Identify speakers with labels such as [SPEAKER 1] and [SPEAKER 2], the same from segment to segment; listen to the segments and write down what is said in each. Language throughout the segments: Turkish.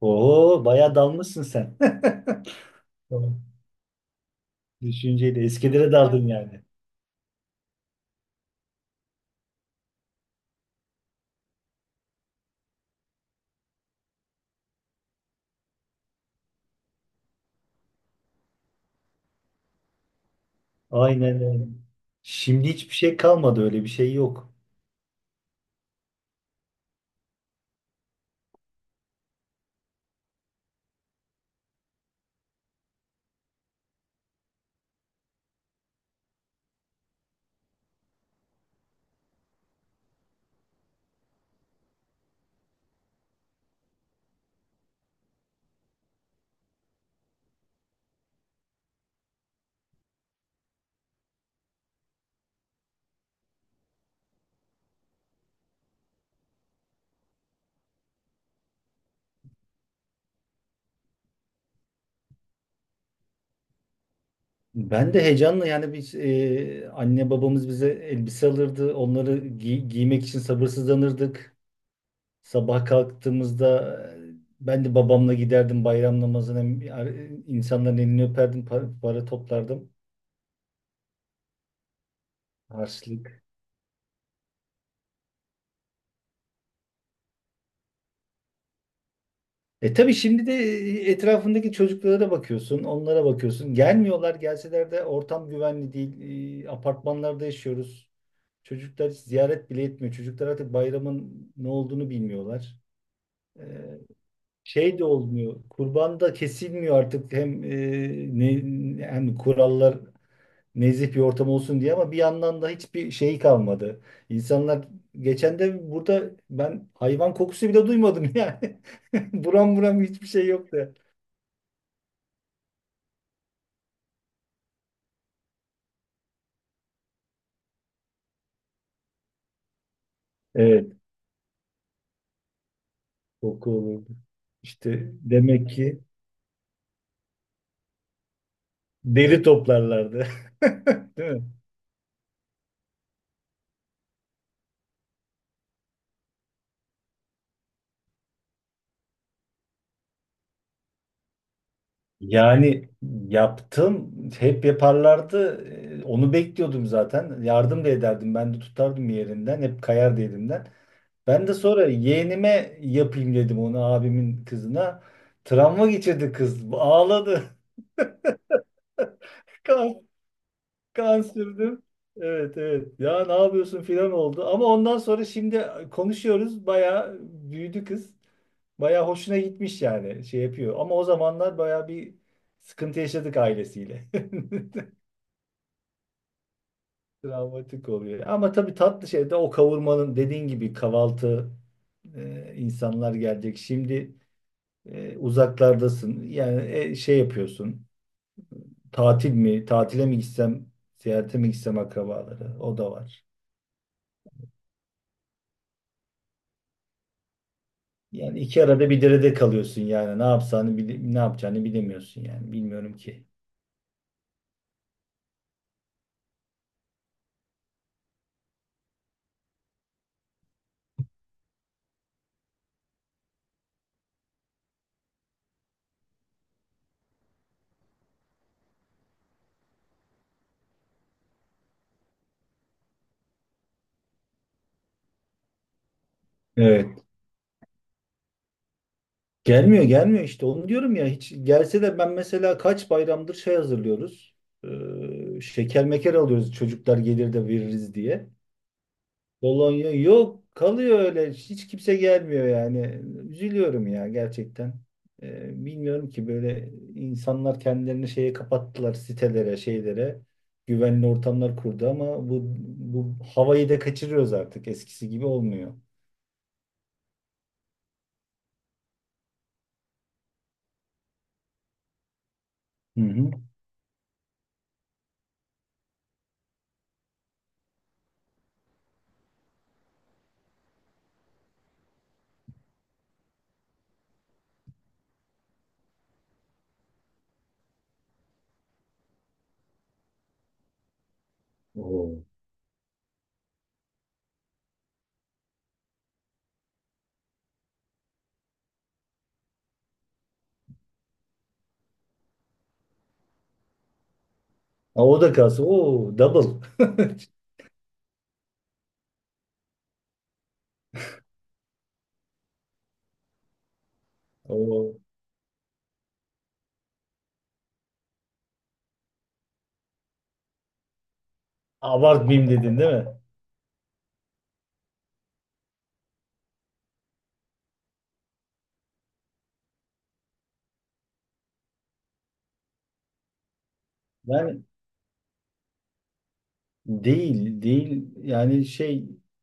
[SPEAKER 1] Oo, bayağı dalmışsın sen. Tamam. Düşünceyle eskilere daldın yani. Aynen öyle. Şimdi hiçbir şey kalmadı öyle bir şey yok. Ben de heyecanla yani biz anne babamız bize elbise alırdı. Onları giymek için sabırsızlanırdık. Sabah kalktığımızda ben de babamla giderdim bayram namazına. E, insanların elini öperdim, para, para toplardım. Harçlık. E tabii şimdi de etrafındaki çocuklara bakıyorsun, onlara bakıyorsun. Gelmiyorlar, gelseler de ortam güvenli değil. Apartmanlarda yaşıyoruz. Çocuklar hiç ziyaret bile etmiyor. Çocuklar artık bayramın ne olduğunu bilmiyorlar. E, şey de olmuyor. Kurban da kesilmiyor artık. Hem ne, hem kurallar nezih bir ortam olsun diye ama bir yandan da hiçbir şey kalmadı. İnsanlar geçen de burada ben hayvan kokusu bile duymadım yani. Buram buram hiçbir şey yoktu. Evet. Koku olurdu. İşte demek ki deri toplarlardı. Değil mi? Yani yaptım, hep yaparlardı. Onu bekliyordum zaten. Yardım da ederdim. Ben de tutardım yerinden. Hep kayardı elimden. Ben de sonra yeğenime yapayım dedim onu abimin kızına. Travma geçirdi kız. Ağladı. Kan, kan sürdüm. Evet evet. Ya ne yapıyorsun filan oldu. Ama ondan sonra şimdi konuşuyoruz. Bayağı büyüdü kız. Bayağı hoşuna gitmiş yani şey yapıyor. Ama o zamanlar bayağı bir sıkıntı yaşadık ailesiyle. Travmatik oluyor. Ama tabii tatlı şey de o kavurmanın dediğin gibi kahvaltı insanlar gelecek. Şimdi uzaklardasın. Yani şey yapıyorsun. Tatil mi? Tatile mi gitsem? Seyahate mi gitsem akrabaları? O da var. Yani iki arada bir derede kalıyorsun yani. Ne yapacağını ne yapacağını bilemiyorsun yani. Bilmiyorum ki. Evet. Gelmiyor gelmiyor işte onu diyorum ya hiç gelse de ben mesela kaç bayramdır şey hazırlıyoruz. Şeker meker alıyoruz çocuklar gelir de veririz diye. Bologna yok kalıyor öyle hiç kimse gelmiyor yani. Üzülüyorum ya gerçekten. Bilmiyorum ki böyle insanlar kendilerini şeye kapattılar sitelere şeylere. Güvenli ortamlar kurdu ama bu havayı da kaçırıyoruz artık eskisi gibi olmuyor. Hı hı. Oo. Ha, o da kalsın. Oo, double. O abartmayayım dedin değil mi? Yani değil, değil. Yani şey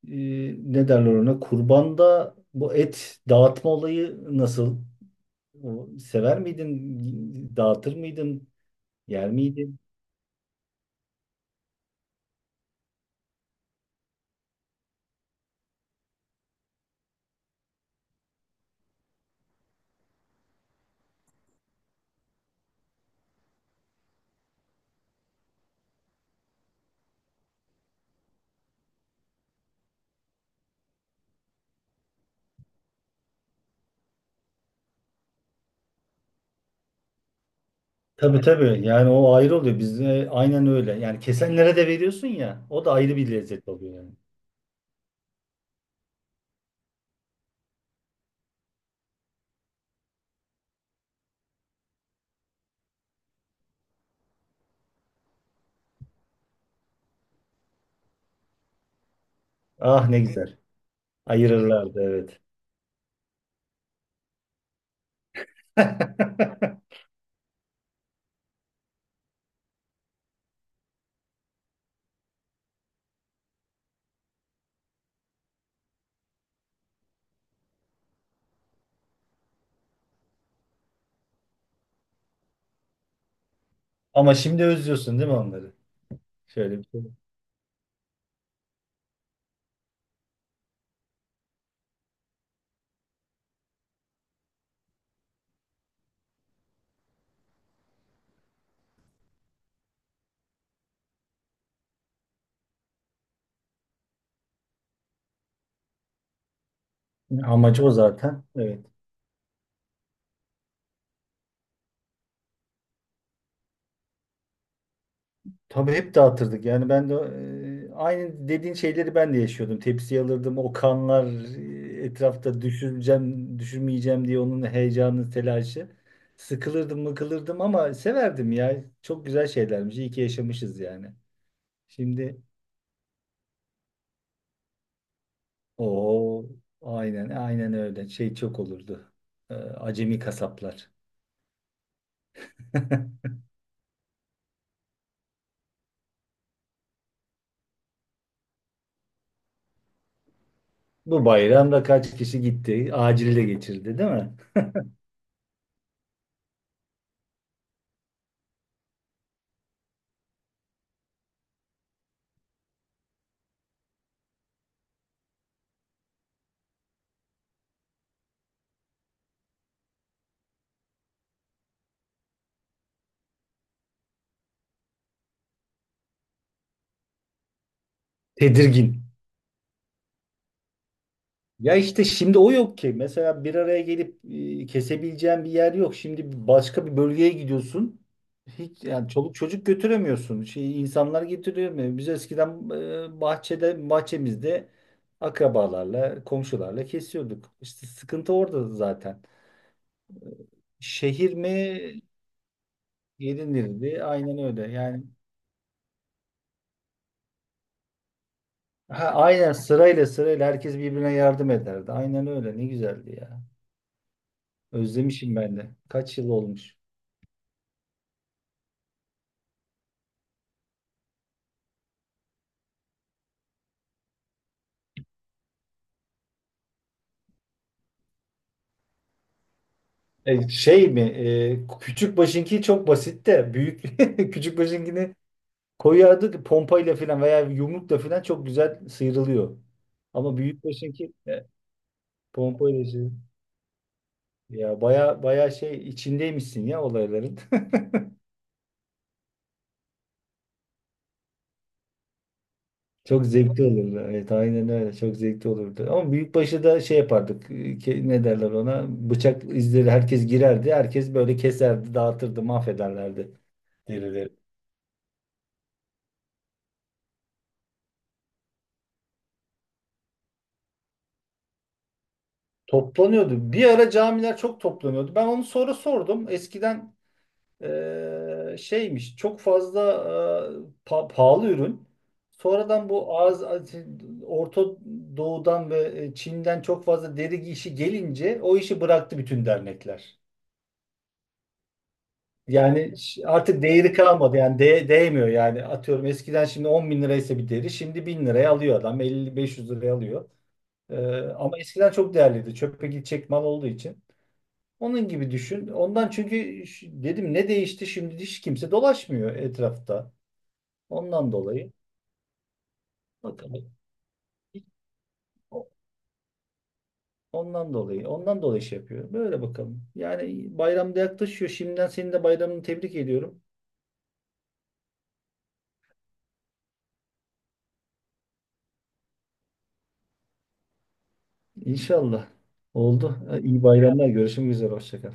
[SPEAKER 1] e, ne derler ona? Kurbanda bu et dağıtma olayı nasıl? O, sever miydin? Dağıtır mıydın? Yer miydin? Tabii tabii. Yani o ayrı oluyor. Bizde aynen öyle. Yani kesenlere de veriyorsun ya. O da ayrı bir lezzet oluyor yani. Ah ne güzel. Ayırırlardı evet. Ama şimdi özlüyorsun değil mi onları? Şöyle bir şey. Amacı o zaten. Evet. Tabii hep dağıtırdık. Yani ben de aynı dediğin şeyleri ben de yaşıyordum. Tepsi alırdım. O kanlar etrafta düşüreceğim, düşürmeyeceğim diye onun heyecanı, telaşı. Sıkılırdım, mıkılırdım ama severdim ya. Çok güzel şeylermiş. İyi ki yaşamışız yani. Şimdi o aynen aynen öyle. Şey çok olurdu. Acemi kasaplar. Bu bayramda kaç kişi gitti? Acil de geçirdi, değil mi? Tedirgin. Ya işte şimdi o yok ki. Mesela bir araya gelip kesebileceğin bir yer yok. Şimdi başka bir bölgeye gidiyorsun. Hiç yani çoluk çocuk götüremiyorsun. Şey, insanlar getiriyor. Biz eskiden bahçede bahçemizde akrabalarla, komşularla kesiyorduk. İşte sıkıntı orada zaten. Şehir mi gelinirdi? Aynen öyle. Yani ha, aynen sırayla sırayla herkes birbirine yardım ederdi. Aynen öyle. Ne güzeldi ya. Özlemişim ben de. Kaç yıl olmuş. Şey mi? Küçük başınki çok basit de büyük küçük başınkini koyardık pompayla falan veya yumrukla falan çok güzel sıyrılıyor. Ama büyük başınki pompayla şey. Ya baya baya şey içindeymişsin ya olayların. Çok zevkli olurdu. Evet aynen öyle. Çok zevkli olurdu. Ama büyükbaşı da şey yapardık. Ne derler ona? Bıçak izleri herkes girerdi. Herkes böyle keserdi, dağıtırdı, mahvederlerdi derileri. Toplanıyordu. Bir ara camiler çok toplanıyordu. Ben onu sonra sordum. Eskiden şeymiş çok fazla eee, pahalı ürün. Sonradan bu Orta Doğu'dan ve Çin'den çok fazla deri işi gelince o işi bıraktı bütün dernekler. Yani artık değeri kalmadı. Yani değmiyor yani. Atıyorum eskiden şimdi 10 bin liraysa bir deri şimdi 1000 liraya alıyor adam. 50-500 liraya alıyor. Ama eskiden çok değerliydi. Çöpe gidecek mal olduğu için. Onun gibi düşün. Ondan çünkü dedim ne değişti şimdi hiç kimse dolaşmıyor etrafta. Ondan dolayı. Bakalım. O- Ondan dolayı. Ondan dolayı şey yapıyor. Böyle bakalım. Yani bayramda yaklaşıyor. Şimdiden senin de bayramını tebrik ediyorum. İnşallah. Oldu. İyi bayramlar. Görüşmek üzere. Hoşça kal.